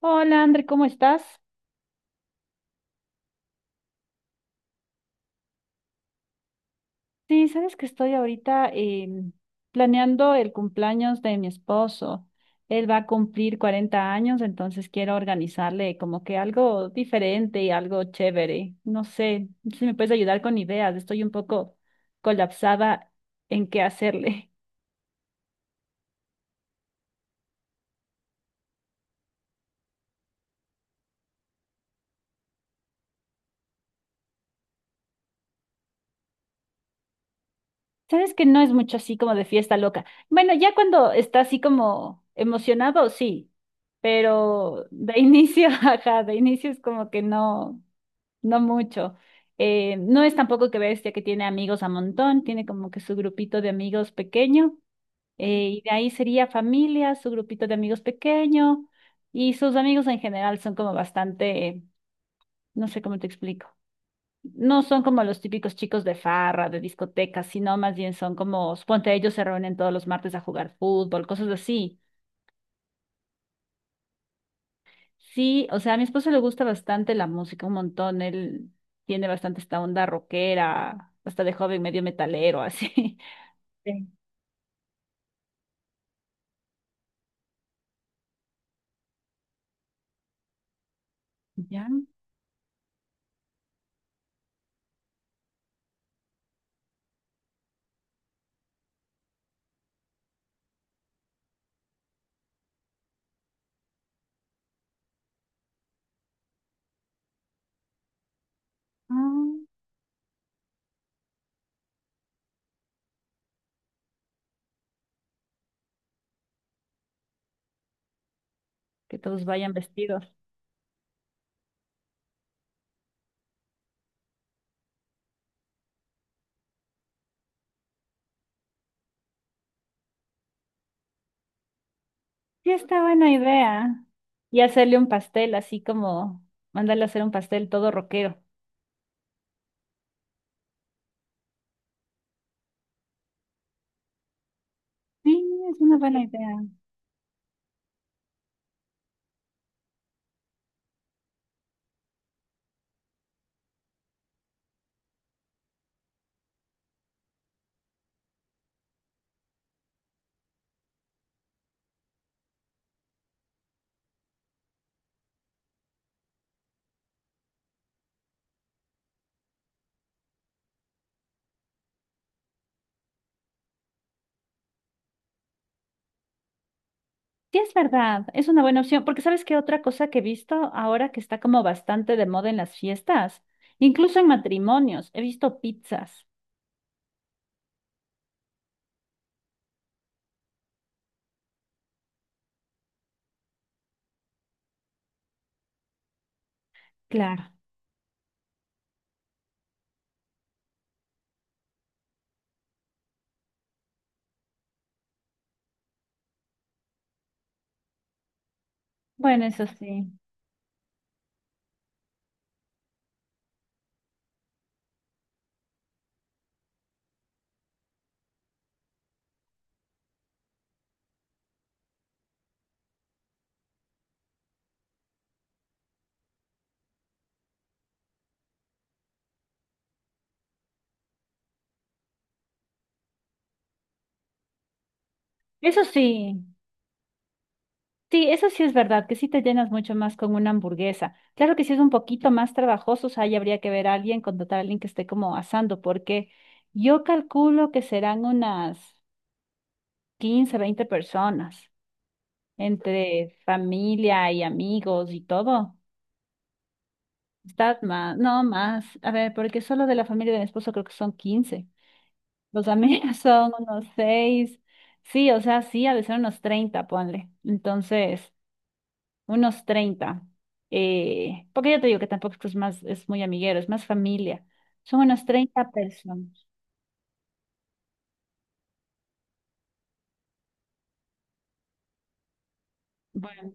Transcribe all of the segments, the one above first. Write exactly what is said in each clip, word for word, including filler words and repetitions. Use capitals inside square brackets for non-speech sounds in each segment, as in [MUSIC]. Hola, André, ¿cómo estás? Sí, sabes que estoy ahorita em, planeando el cumpleaños de mi esposo. Él va a cumplir cuarenta años, entonces quiero organizarle como que algo diferente y algo chévere. No sé si me puedes ayudar con ideas. Estoy un poco colapsada en qué hacerle. [LAUGHS] Sabes que no es mucho así como de fiesta loca. Bueno, ya cuando está así como emocionado, sí, pero de inicio, [LAUGHS] ajá, de inicio es como que no. No mucho. Eh, no es tampoco que bestia que tiene amigos a montón, tiene como que su grupito de amigos pequeño, eh, y de ahí sería familia, su grupito de amigos pequeño, y sus amigos en general son como bastante, eh, no sé cómo te explico. No son como los típicos chicos de farra, de discotecas, sino más bien son como, suponte ellos se reúnen todos los martes a jugar fútbol, cosas así. Sí, o sea, a mi esposo le gusta bastante la música, un montón. Él tiene bastante esta onda rockera, hasta de joven medio metalero, así. [LAUGHS] Sí. Ya, ah, que todos vayan vestidos. Sí, está buena idea. Y hacerle un pastel, así como mandarle a hacer un pastel todo rockero. Sí, es una buena idea. Sí, es verdad, es una buena opción, porque ¿sabes qué otra cosa que he visto ahora que está como bastante de moda en las fiestas? Incluso en matrimonios, he visto pizzas. Claro. Bueno, eso sí. Eso sí. Sí, eso sí es verdad, que sí te llenas mucho más con una hamburguesa. Claro que si es un poquito más trabajoso, o sea, ahí habría que ver a alguien, contratar a alguien que esté como asando, porque yo calculo que serán unas quince veinte personas, entre familia y amigos y todo. Está más, no más. A ver, porque solo de la familia de mi esposo creo que son quince. Los amigos [LAUGHS] son unos seis. Sí, o sea, sí, a veces unos treinta ponle. Entonces unos treinta, eh, porque ya te digo que tampoco es que es más, es muy amiguero, es más familia. Son unos treinta personas. Bueno,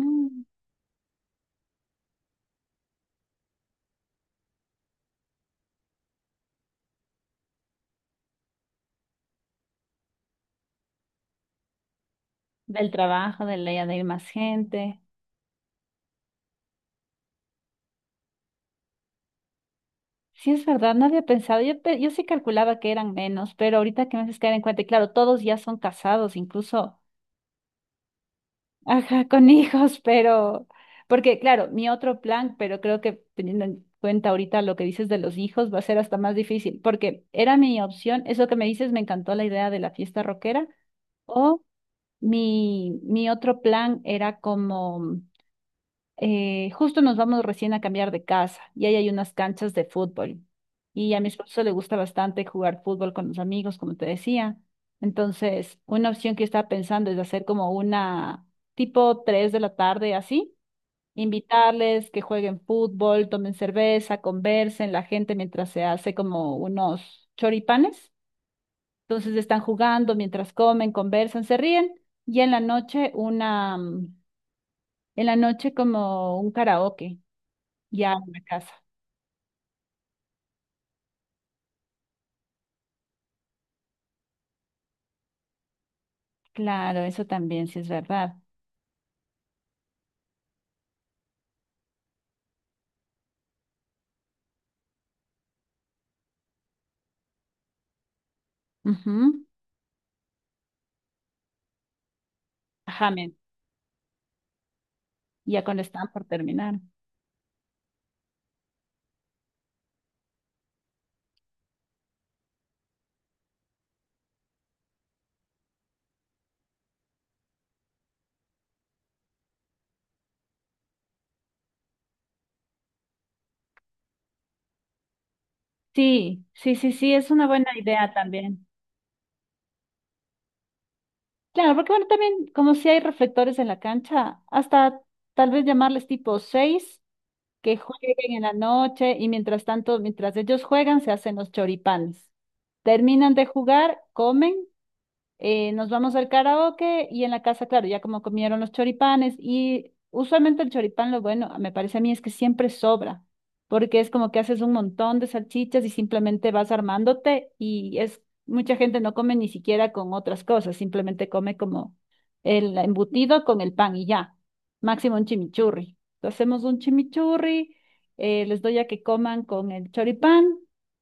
mm, del trabajo, de la idea de ir más gente. Sí, es verdad, no había pensado. Yo, pe- yo sí calculaba que eran menos, pero ahorita que me haces caer en cuenta, y claro, todos ya son casados, incluso ajá, con hijos, pero, porque claro, mi otro plan, pero creo que teniendo en cuenta ahorita lo que dices de los hijos, va a ser hasta más difícil, porque era mi opción, eso que me dices, me encantó la idea de la fiesta rockera, o mi, mi otro plan era como eh, justo nos vamos recién a cambiar de casa y ahí hay unas canchas de fútbol. Y a mi esposo le gusta bastante jugar fútbol con los amigos, como te decía. Entonces, una opción que yo estaba pensando es hacer como una tipo tres de la tarde así, invitarles que jueguen fútbol, tomen cerveza, conversen la gente mientras se hace como unos choripanes. Entonces están jugando mientras comen, conversan, se ríen y en la noche una, mm, en la noche como un karaoke. Ya en la casa. Claro, eso también sí es verdad. Ujú. Ajá, men, ya cuando están por terminar. Sí, sí, sí, sí, es una buena idea también. Claro, porque bueno, también como si hay reflectores en la cancha, hasta tal vez llamarles tipo seis, que jueguen en la noche y mientras tanto, mientras ellos juegan, se hacen los choripanes. Terminan de jugar, comen, eh, nos vamos al karaoke y en la casa, claro, ya como comieron los choripanes y usualmente el choripán, lo bueno, me parece a mí es que siempre sobra, porque es como que haces un montón de salchichas y simplemente vas armándote y es, mucha gente no come ni siquiera con otras cosas, simplemente come como el embutido con el pan y ya, máximo un chimichurri. Entonces hacemos un chimichurri, eh, les doy a que coman con el choripán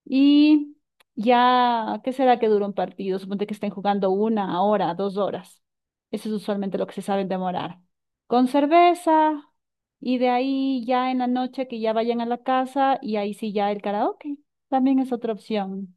y... Ya, ¿qué será que dura un partido? Suponte que estén jugando una hora, dos horas. Eso es usualmente lo que se saben demorar. Con cerveza y de ahí ya en la noche que ya vayan a la casa y ahí sí ya el karaoke. También es otra opción.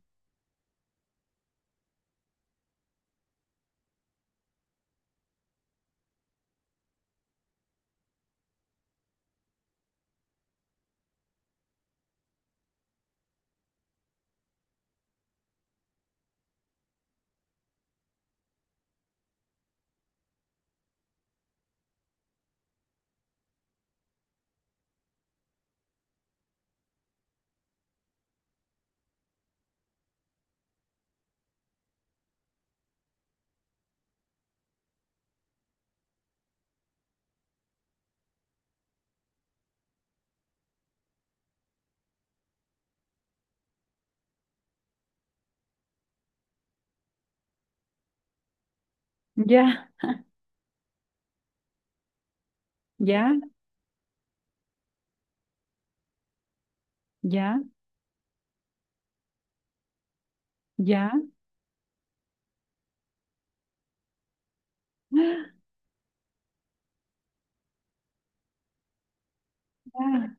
Ya, ya, ya, ya. Ah,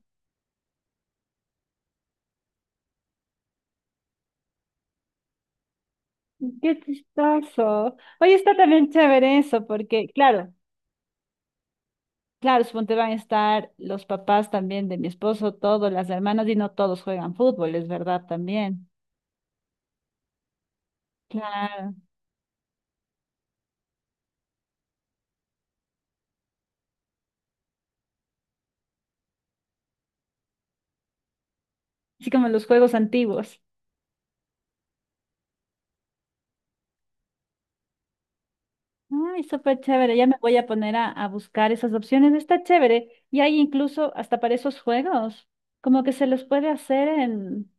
qué chistoso. Oye, está también chévere eso, porque claro, claro, suponte van a estar los papás también de mi esposo, todos, las hermanas y no todos juegan fútbol, es verdad también. Claro, así como los juegos antiguos. Ay, súper chévere, ya me voy a poner a, a buscar esas opciones, está chévere. Y hay incluso hasta para esos juegos, como que se los puede hacer en,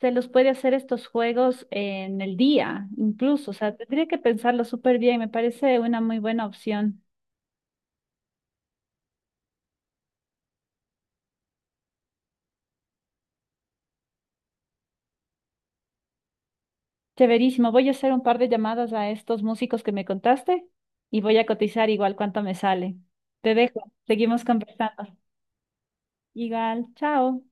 se los puede hacer estos juegos en el día, incluso, o sea, tendría que pensarlo súper bien, me parece una muy buena opción. Chéverísimo, voy a hacer un par de llamadas a estos músicos que me contaste y voy a cotizar igual cuánto me sale. Te dejo, seguimos conversando. Igual, chao.